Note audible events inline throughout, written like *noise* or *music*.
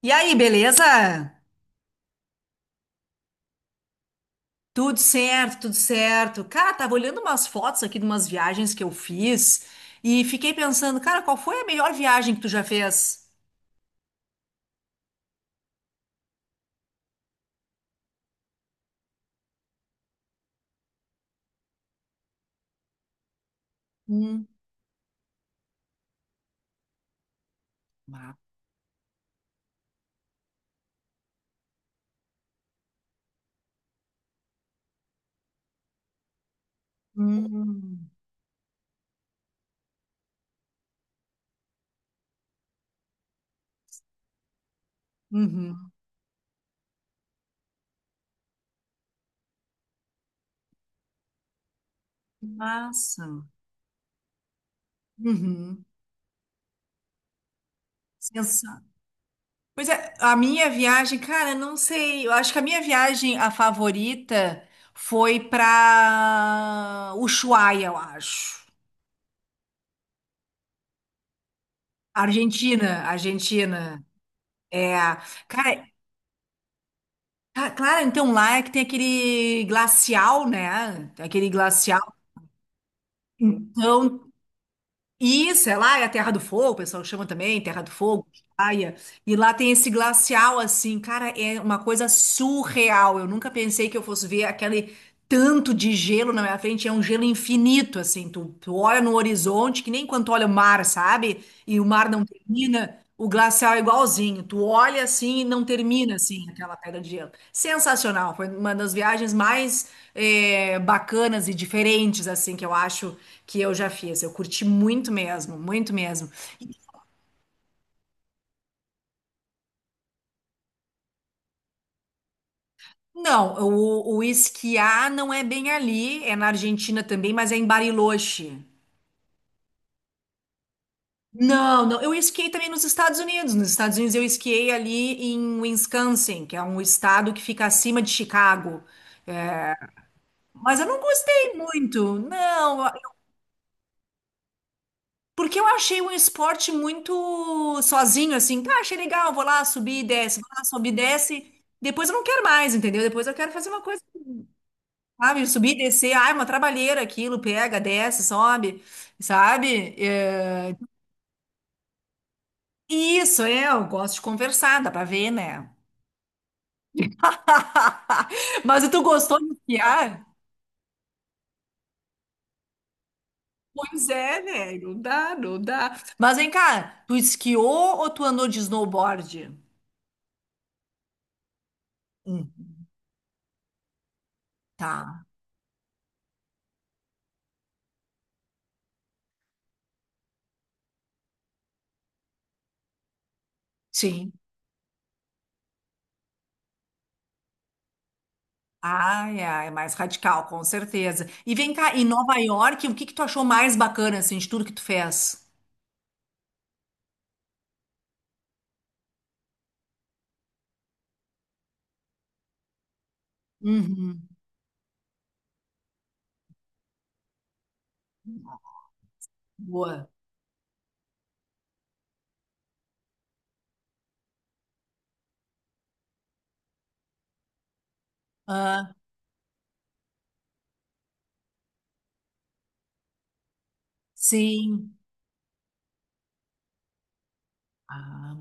E aí, beleza? Tudo certo, tudo certo. Cara, tava olhando umas fotos aqui de umas viagens que eu fiz e fiquei pensando, cara, qual foi a melhor viagem que tu já fez? Hum. ma- hum. Uhum. Massa. Uhum. Sensacional. Pois é, a minha viagem, cara, não sei. Eu acho que a minha viagem, a favorita, foi pra Ushuaia, eu acho. Argentina, Argentina. É, cara. Ah, claro, então lá é que tem aquele glacial, né? Tem aquele glacial. Então, isso, é lá é a Terra do Fogo, o pessoal chama também, Terra do Fogo, praia. E lá tem esse glacial, assim, cara, é uma coisa surreal. Eu nunca pensei que eu fosse ver aquele tanto de gelo na minha frente. É um gelo infinito, assim. Tu olha no horizonte, que nem quando tu olha o mar, sabe? E o mar não termina. O glacial é igualzinho. Tu olha assim e não termina assim aquela pedra de gelo. Sensacional. Foi uma das viagens mais bacanas e diferentes assim que eu acho que eu já fiz. Eu curti muito mesmo, muito mesmo. E, Não, o esquiar não é bem ali. É na Argentina também, mas é em Bariloche. Não, não. Eu esquiei também nos Estados Unidos. Nos Estados Unidos eu esquiei ali em Wisconsin, que é um estado que fica acima de Chicago. Mas eu não gostei muito. Não. Porque eu achei um esporte muito sozinho, assim. Tá, achei legal, vou lá, subir e desce, vou lá, subir e desce. Depois eu não quero mais, entendeu? Depois eu quero fazer uma coisa, sabe? Subir e descer. Ai, uma trabalheira aquilo, pega, desce, sobe, sabe? É. Isso, é, eu gosto de conversar, dá pra ver, né? *laughs* Mas tu gostou de esquiar? Pois é, né? Não dá, não dá. Mas vem cá, tu esquiou ou tu andou de snowboard? Hum, tá. Sim. Ai, ai, é mais radical, com certeza. E vem cá, em Nova York, o que que tu achou mais bacana, assim, de tudo que tu fez? Uhum. Boa. Ah, sim. Ah,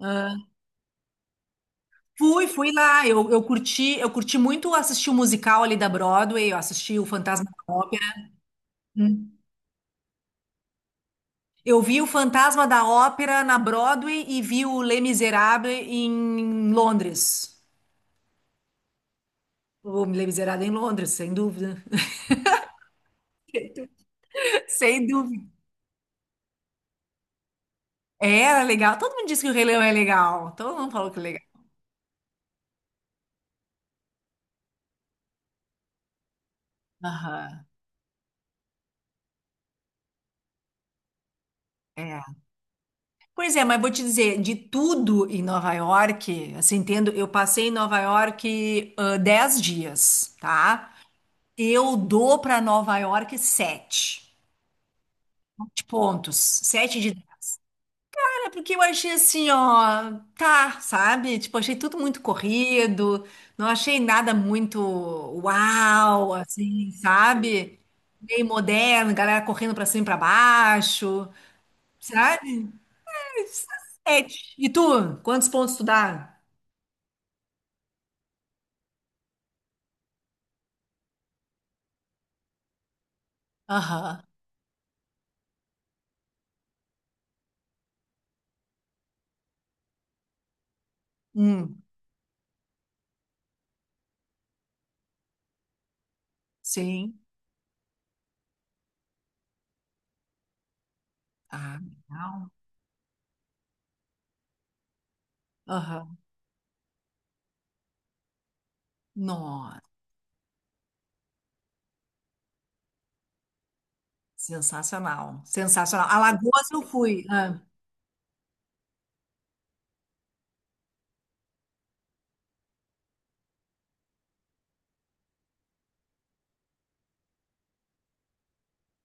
ah. Fui, fui lá. Eu curti muito assistir o musical ali da Broadway, eu assisti o Fantasma da Ópera. Hum. Eu vi o Fantasma da Ópera na Broadway e vi o Les Misérables em Londres. O Les Misérables em Londres, sem dúvida. *laughs* Sem dúvida. Era legal. Todo mundo disse que o Rei Leão é legal. Todo mundo falou que é legal. Aham. É. Pois é, mas vou te dizer, de tudo em Nova York, assim, entendo, eu passei em Nova York 10 dias, tá? Eu dou para Nova York 7 pontos. Sete de É porque eu achei assim, ó, tá, sabe? Tipo, achei tudo muito corrido, não achei nada muito uau, assim, sabe? Meio moderno, galera correndo pra cima e pra baixo, sabe? Sete. E tu, quantos pontos tu dá? Aham. Hum, sim. Ah, legal. Aham. Nossa, sensacional, sensacional. Alagoas eu fui.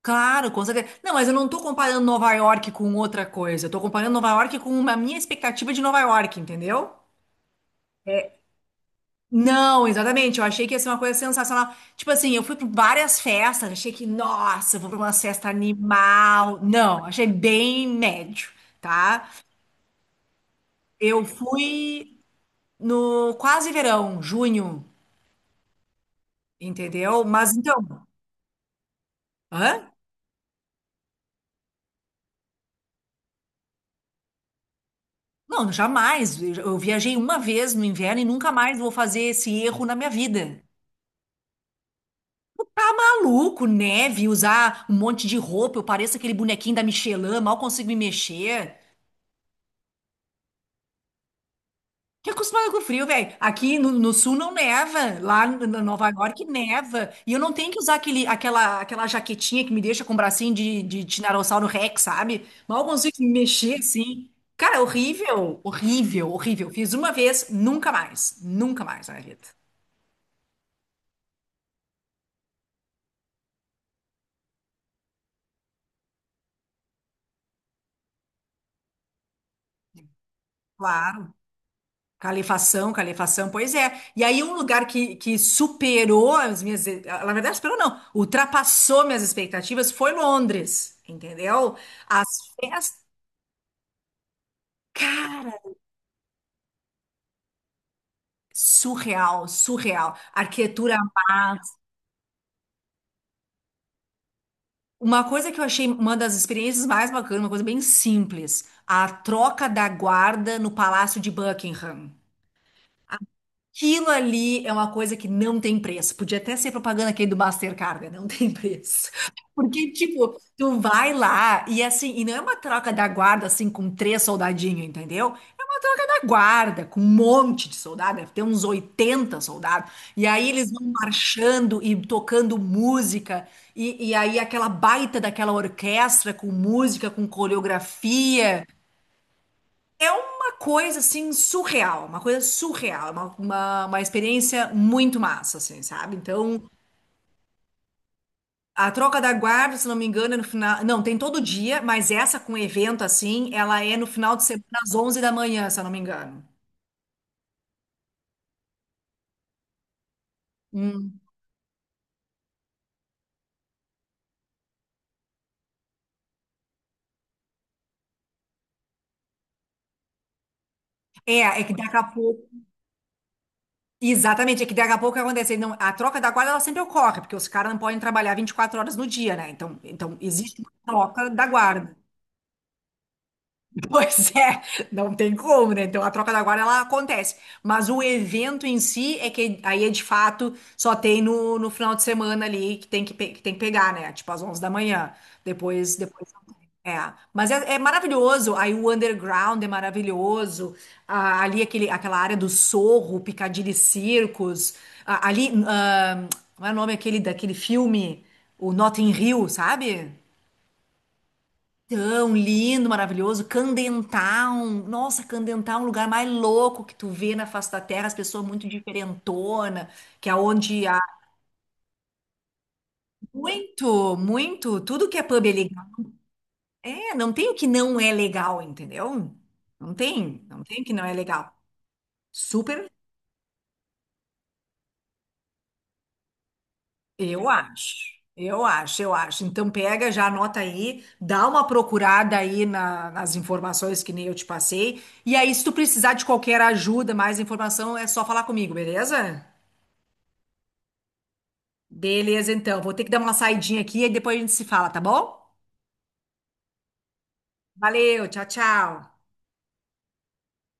Claro, com certeza. Não, mas eu não tô comparando Nova York com outra coisa. Eu tô comparando Nova York com a minha expectativa de Nova York, entendeu? Não, exatamente. Eu achei que ia ser uma coisa sensacional. Tipo assim, eu fui para várias festas, achei que, nossa, eu vou para uma festa animal. Não, achei bem médio, tá? Eu fui no quase verão, junho, entendeu? Mas então, hã? Não, jamais. Eu viajei uma vez no inverno e nunca mais vou fazer esse erro na minha vida. Tá maluco, neve, usar um monte de roupa, eu pareço aquele bonequinho da Michelin, mal consigo me mexer. Que acostumado com o frio, velho. Aqui no sul não neva, lá em Nova York neva. E eu não tenho que usar aquele, aquela jaquetinha que me deixa com o bracinho de Tiranossauro Rex, sabe? Mal consigo me mexer assim. Cara, horrível, horrível, horrível. Fiz uma vez, nunca mais, nunca mais na minha vida. Claro. Calefação, calefação, pois é. E aí um lugar que superou as minhas, na verdade superou não, ultrapassou minhas expectativas foi Londres, entendeu? As festas, cara, surreal, surreal. Arquitetura massa. Uma coisa que eu achei uma das experiências mais bacanas, uma coisa bem simples, a troca da guarda no Palácio de Buckingham. Aquilo ali é uma coisa que não tem preço. Podia até ser propaganda aqui do Mastercard, né? Não tem preço. Porque, tipo, tu vai lá e assim, e não é uma troca da guarda assim com três soldadinhos, entendeu? É uma troca da guarda com um monte de soldado, deve ter uns 80 soldados. E aí eles vão marchando e tocando música, e aí aquela baita daquela orquestra com música, com coreografia. É uma coisa assim surreal, uma coisa surreal, é uma experiência muito massa, assim, sabe? Então, a troca da guarda, se não me engano, é no final. Não, tem todo dia, mas essa com evento assim, ela é no final de semana às 11 da manhã, se eu não me engano. Hum. É que daqui a pouco. Exatamente, é que daqui a pouco o que acontece. Não, a troca da guarda ela sempre ocorre, porque os caras não podem trabalhar 24 horas no dia, né? Então existe uma troca da guarda. *laughs* Pois é, não tem como, né? Então a troca da guarda ela acontece. Mas o evento em si é que aí é de fato só tem no final de semana ali que tem que pegar, né? Tipo às 11 da manhã. Depois não tem. É, mas é maravilhoso. Aí o underground é maravilhoso. Ah, ali aquele, aquela área do Sorro, Piccadilly Circus. Ah, ali, como é o nome aquele daquele filme, o Notting Hill, sabe? Tão lindo, maravilhoso. Candentown. Nossa, Candentown é um lugar mais louco que tu vê na face da terra, as pessoas muito diferentona, que é onde há muito, muito, tudo que é pub é legal. É, não tem o que não é legal, entendeu? Não tem, não tem o que não é legal. Super Eu acho, eu acho, eu acho. Então pega, já anota aí, dá uma procurada aí nas informações que nem eu te passei. E aí, se tu precisar de qualquer ajuda, mais informação, é só falar comigo, beleza? Beleza, então. Vou ter que dar uma saidinha aqui e depois a gente se fala, tá bom? Valeu, tchau, tchau.